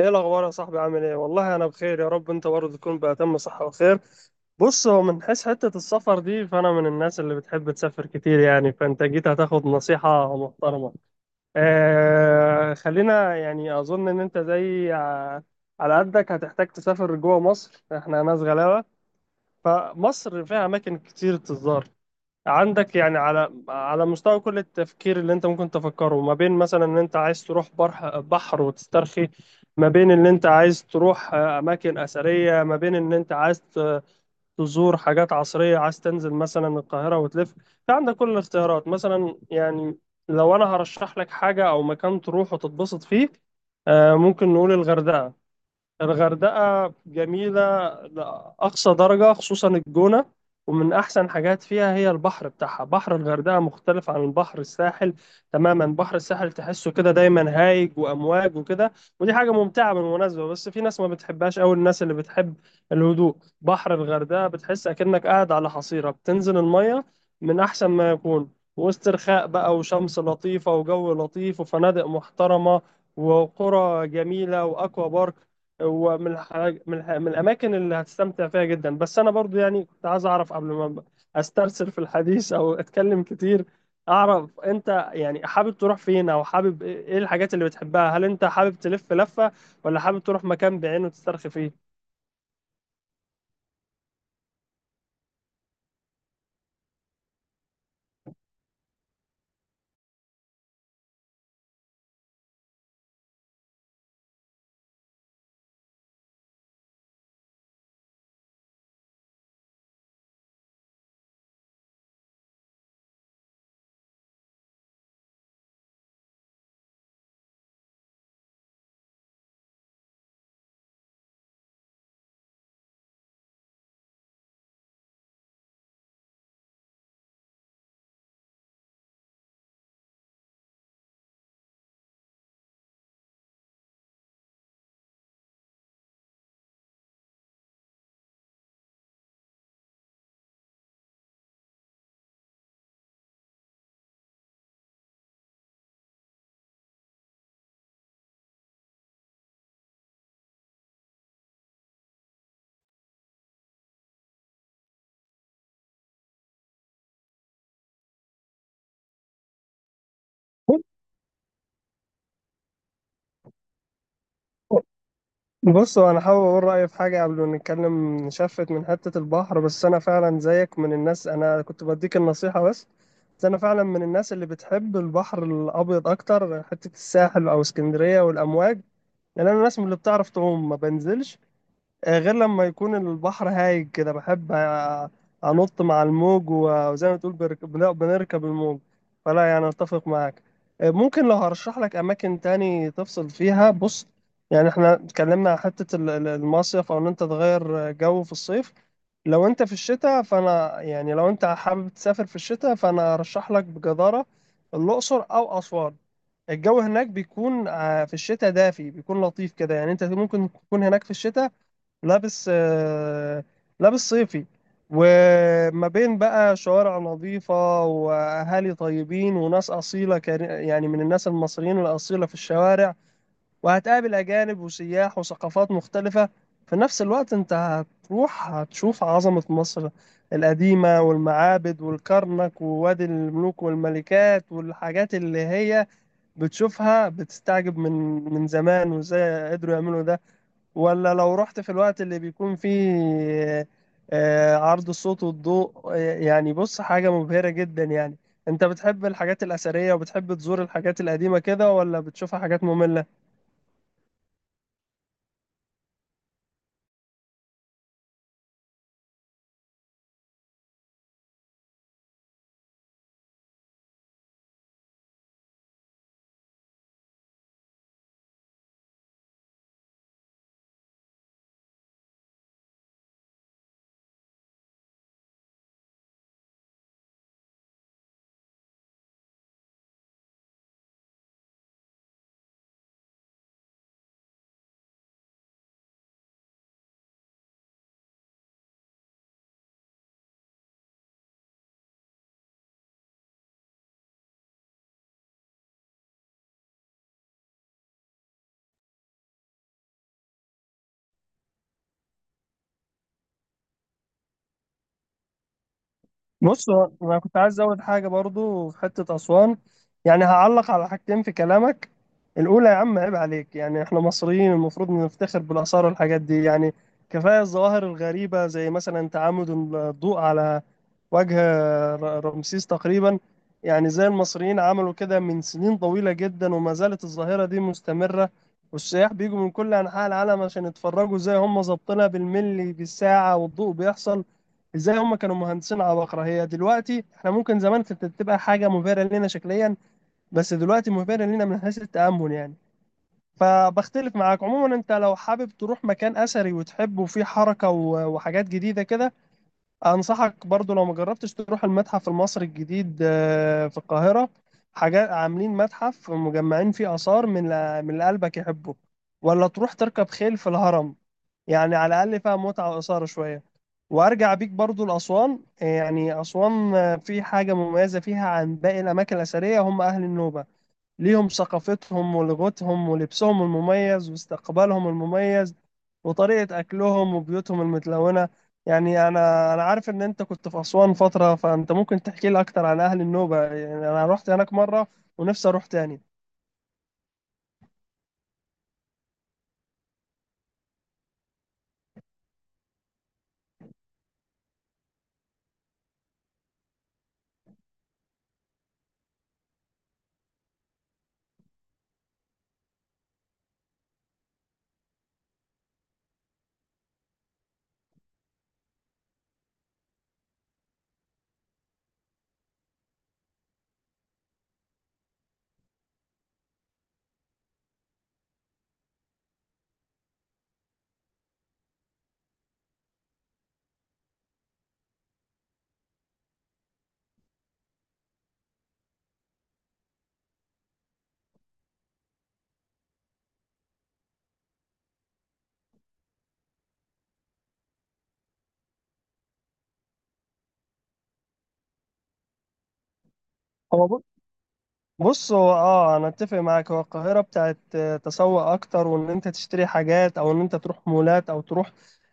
ايه الاخبار يا صاحبي؟ عامل ايه؟ والله انا بخير، يا رب انت برضه تكون بأتم صحة وخير. بص، هو من حيث حتة السفر دي، فانا من الناس اللي بتحب تسافر كتير يعني، فانت جيت هتاخد نصيحة محترمة. خلينا يعني اظن ان انت على قدك هتحتاج تسافر جوه مصر، احنا ناس غلابة. فمصر فيها اماكن كتير تزار. عندك يعني على مستوى كل التفكير اللي انت ممكن تفكره، ما بين مثلا ان انت عايز تروح برح بحر وتسترخي، ما بين ان انت عايز تروح، اماكن اثريه، ما بين ان انت تزور حاجات عصريه، عايز تنزل مثلا القاهره وتلف. في عندك كل الاختيارات مثلا يعني. لو انا هرشح لك حاجه او مكان تروح وتتبسط فيه، ممكن نقول الغردقه. الغردقة جميلة لأقصى درجة، خصوصا الجونة. ومن أحسن حاجات فيها هي البحر بتاعها. بحر الغردقة مختلف عن البحر الساحل تماما. بحر الساحل تحسه كده دايما هايج وأمواج وكده، ودي حاجة ممتعة بالمناسبة، بس في ناس ما بتحبهاش أوي. الناس اللي بتحب الهدوء، بحر الغردقة بتحس أكنك قاعد على حصيرة بتنزل المية، من أحسن ما يكون. واسترخاء بقى وشمس لطيفة وجو لطيف وفنادق محترمة وقرى جميلة وأكوا بارك. هو من من الاماكن اللي هتستمتع فيها جدا. بس انا برضو يعني كنت عايز اعرف، قبل ما استرسل في الحديث او اتكلم كتير، اعرف انت يعني حابب تروح فين، او حابب ايه، إيه الحاجات اللي بتحبها؟ هل انت حابب تلف لفة، ولا حابب تروح مكان بعينه تسترخي فيه؟ بص، هو انا حابب اقول رايي في حاجه قبل ما نتكلم نشفت من حته البحر. بس انا فعلا زيك من الناس، انا كنت بديك النصيحه بس. بس انا فعلا من الناس اللي بتحب البحر الابيض اكتر، حته الساحل او اسكندريه والامواج. لان انا ناس من اللي بتعرف تعوم ما بنزلش، غير لما يكون البحر هايج كده بحب، أنط مع الموج وزي ما تقول بنركب الموج. فلا يعني أتفق معاك. ممكن لو هرشح لك أماكن تاني تفصل فيها. بص، يعني احنا اتكلمنا عن حتة المصيف، أو إن أنت تغير جو في الصيف. لو أنت في الشتاء فأنا يعني، لو أنت حابب تسافر في الشتاء فأنا أرشح لك بجدارة الأقصر أو أسوان. الجو هناك بيكون، في الشتاء، دافي، بيكون لطيف كده، يعني أنت ممكن تكون هناك في الشتاء لابس، لابس صيفي. وما بين بقى شوارع نظيفة وأهالي طيبين وناس أصيلة، يعني من الناس المصريين الأصيلة في الشوارع، وهتقابل أجانب وسياح وثقافات مختلفة. في نفس الوقت أنت هتروح هتشوف عظمة مصر القديمة والمعابد والكرنك ووادي الملوك والملكات، والحاجات اللي هي بتشوفها بتستعجب من من زمان وإزاي قدروا يعملوا ده. ولا لو رحت في الوقت اللي بيكون فيه، عرض الصوت والضوء، يعني بص، حاجة مبهرة جدا يعني. انت بتحب الحاجات الأثرية وبتحب تزور الحاجات القديمة كده، ولا بتشوفها حاجات مملة؟ بص، هو انا كنت عايز ازود حاجه برضو في حته اسوان. يعني هعلق على حاجتين في كلامك. الاولى، يا عم عيب عليك، يعني احنا مصريين المفروض نفتخر بالاثار والحاجات دي يعني. كفايه الظواهر الغريبه، زي مثلا تعامد الضوء على وجه رمسيس تقريبا، يعني زي المصريين عملوا كده من سنين طويله جدا وما زالت الظاهره دي مستمره. والسياح بيجوا من كل انحاء العالم عشان يتفرجوا، زي هم ظابطينها بالملي بالساعه والضوء بيحصل ازاي. هم كانوا مهندسين عباقرة. هي دلوقتي احنا ممكن، زمان كانت تبقى حاجة مبهرة لنا شكليا، بس دلوقتي مبهرة لنا من حيث التأمل يعني. فبختلف معاك عموما. انت لو حابب تروح مكان اثري وتحبه وفيه حركة وحاجات جديدة كده، انصحك برضو لو ما جربتش تروح المتحف المصري الجديد، في القاهرة. حاجات عاملين متحف مجمعين فيه آثار من من اللي قلبك يحبه. ولا تروح تركب خيل في الهرم، يعني على الأقل فيها متعة وإثارة شوية. وأرجع بيك برضو لأسوان. يعني أسوان، في حاجة مميزة فيها عن باقي الأماكن الأثرية، هم أهل النوبة. ليهم ثقافتهم ولغتهم ولبسهم المميز واستقبالهم المميز وطريقة أكلهم وبيوتهم المتلونة. يعني أنا عارف إن أنت كنت في أسوان فترة، فأنت ممكن تحكي لي أكتر عن أهل النوبة. يعني أنا رحت هناك مرة ونفسي أروح تاني. هو بص، هو اه انا اتفق معاك. هو القاهره بتاعت، تسوق اكتر، وان انت تشتري حاجات، او ان انت تروح مولات، او تروح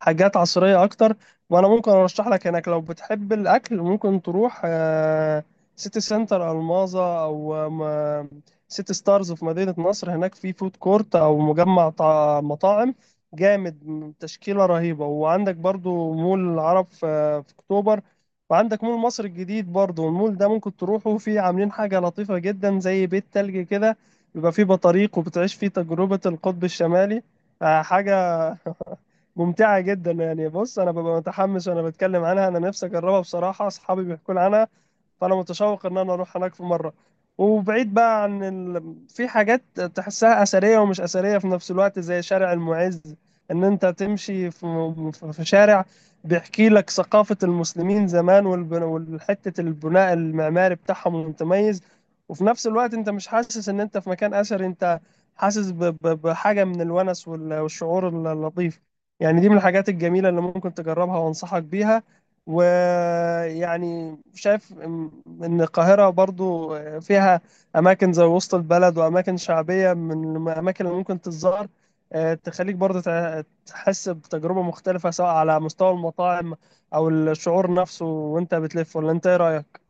حاجات عصريه اكتر. وانا ممكن ارشح لك هناك لو بتحب الاكل ممكن تروح، سيتي سنتر الماظة، او م- سيتي ستارز في مدينه نصر. هناك في فود كورت او مجمع مطاعم جامد، تشكيله رهيبه. وعندك برضو مول العرب في اكتوبر، وعندك مول مصر الجديد برضو. المول ده ممكن تروحوا فيه، عاملين حاجة لطيفة جدا زي بيت تلج كده، بيبقى فيه بطاريق وبتعيش فيه تجربة القطب الشمالي. حاجة ممتعة جدا يعني. بص، أنا ببقى متحمس وأنا بتكلم عنها. أنا نفسي أجربها بصراحة، أصحابي بيحكوا لي عنها، فانا متشوق ان انا اروح هناك في مره. وبعيد بقى عن ال، في حاجات تحسها اثريه ومش اثريه في نفس الوقت، زي شارع المعز. ان انت تمشي في شارع بيحكي لك ثقافه المسلمين زمان، والبن، والحته البناء المعماري بتاعهم المتميز، وفي نفس الوقت انت مش حاسس ان انت في مكان اثري. انت حاسس ب... ب... بحاجه من الونس وال... والشعور اللطيف يعني. دي من الحاجات الجميله اللي ممكن تجربها وانصحك بيها. ويعني شايف ان القاهرة برضو فيها اماكن زي وسط البلد واماكن شعبية، من الاماكن اللي ممكن تتزار، تخليك برضو تحس بتجربة مختلفة، سواء على مستوى المطاعم او الشعور نفسه وانت بتلف. ولا انت ايه رأيك؟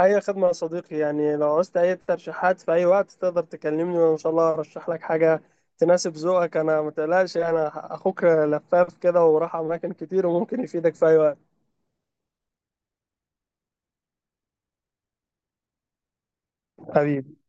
اي خدمة يا صديقي. يعني لو عوزت اي ترشيحات في اي وقت تقدر تكلمني، وان شاء الله ارشح لك حاجة تناسب ذوقك. انا، متقلقش، انا اخوك لفاف كده وراح اماكن كتير وممكن يفيدك في اي وقت. حبيبي.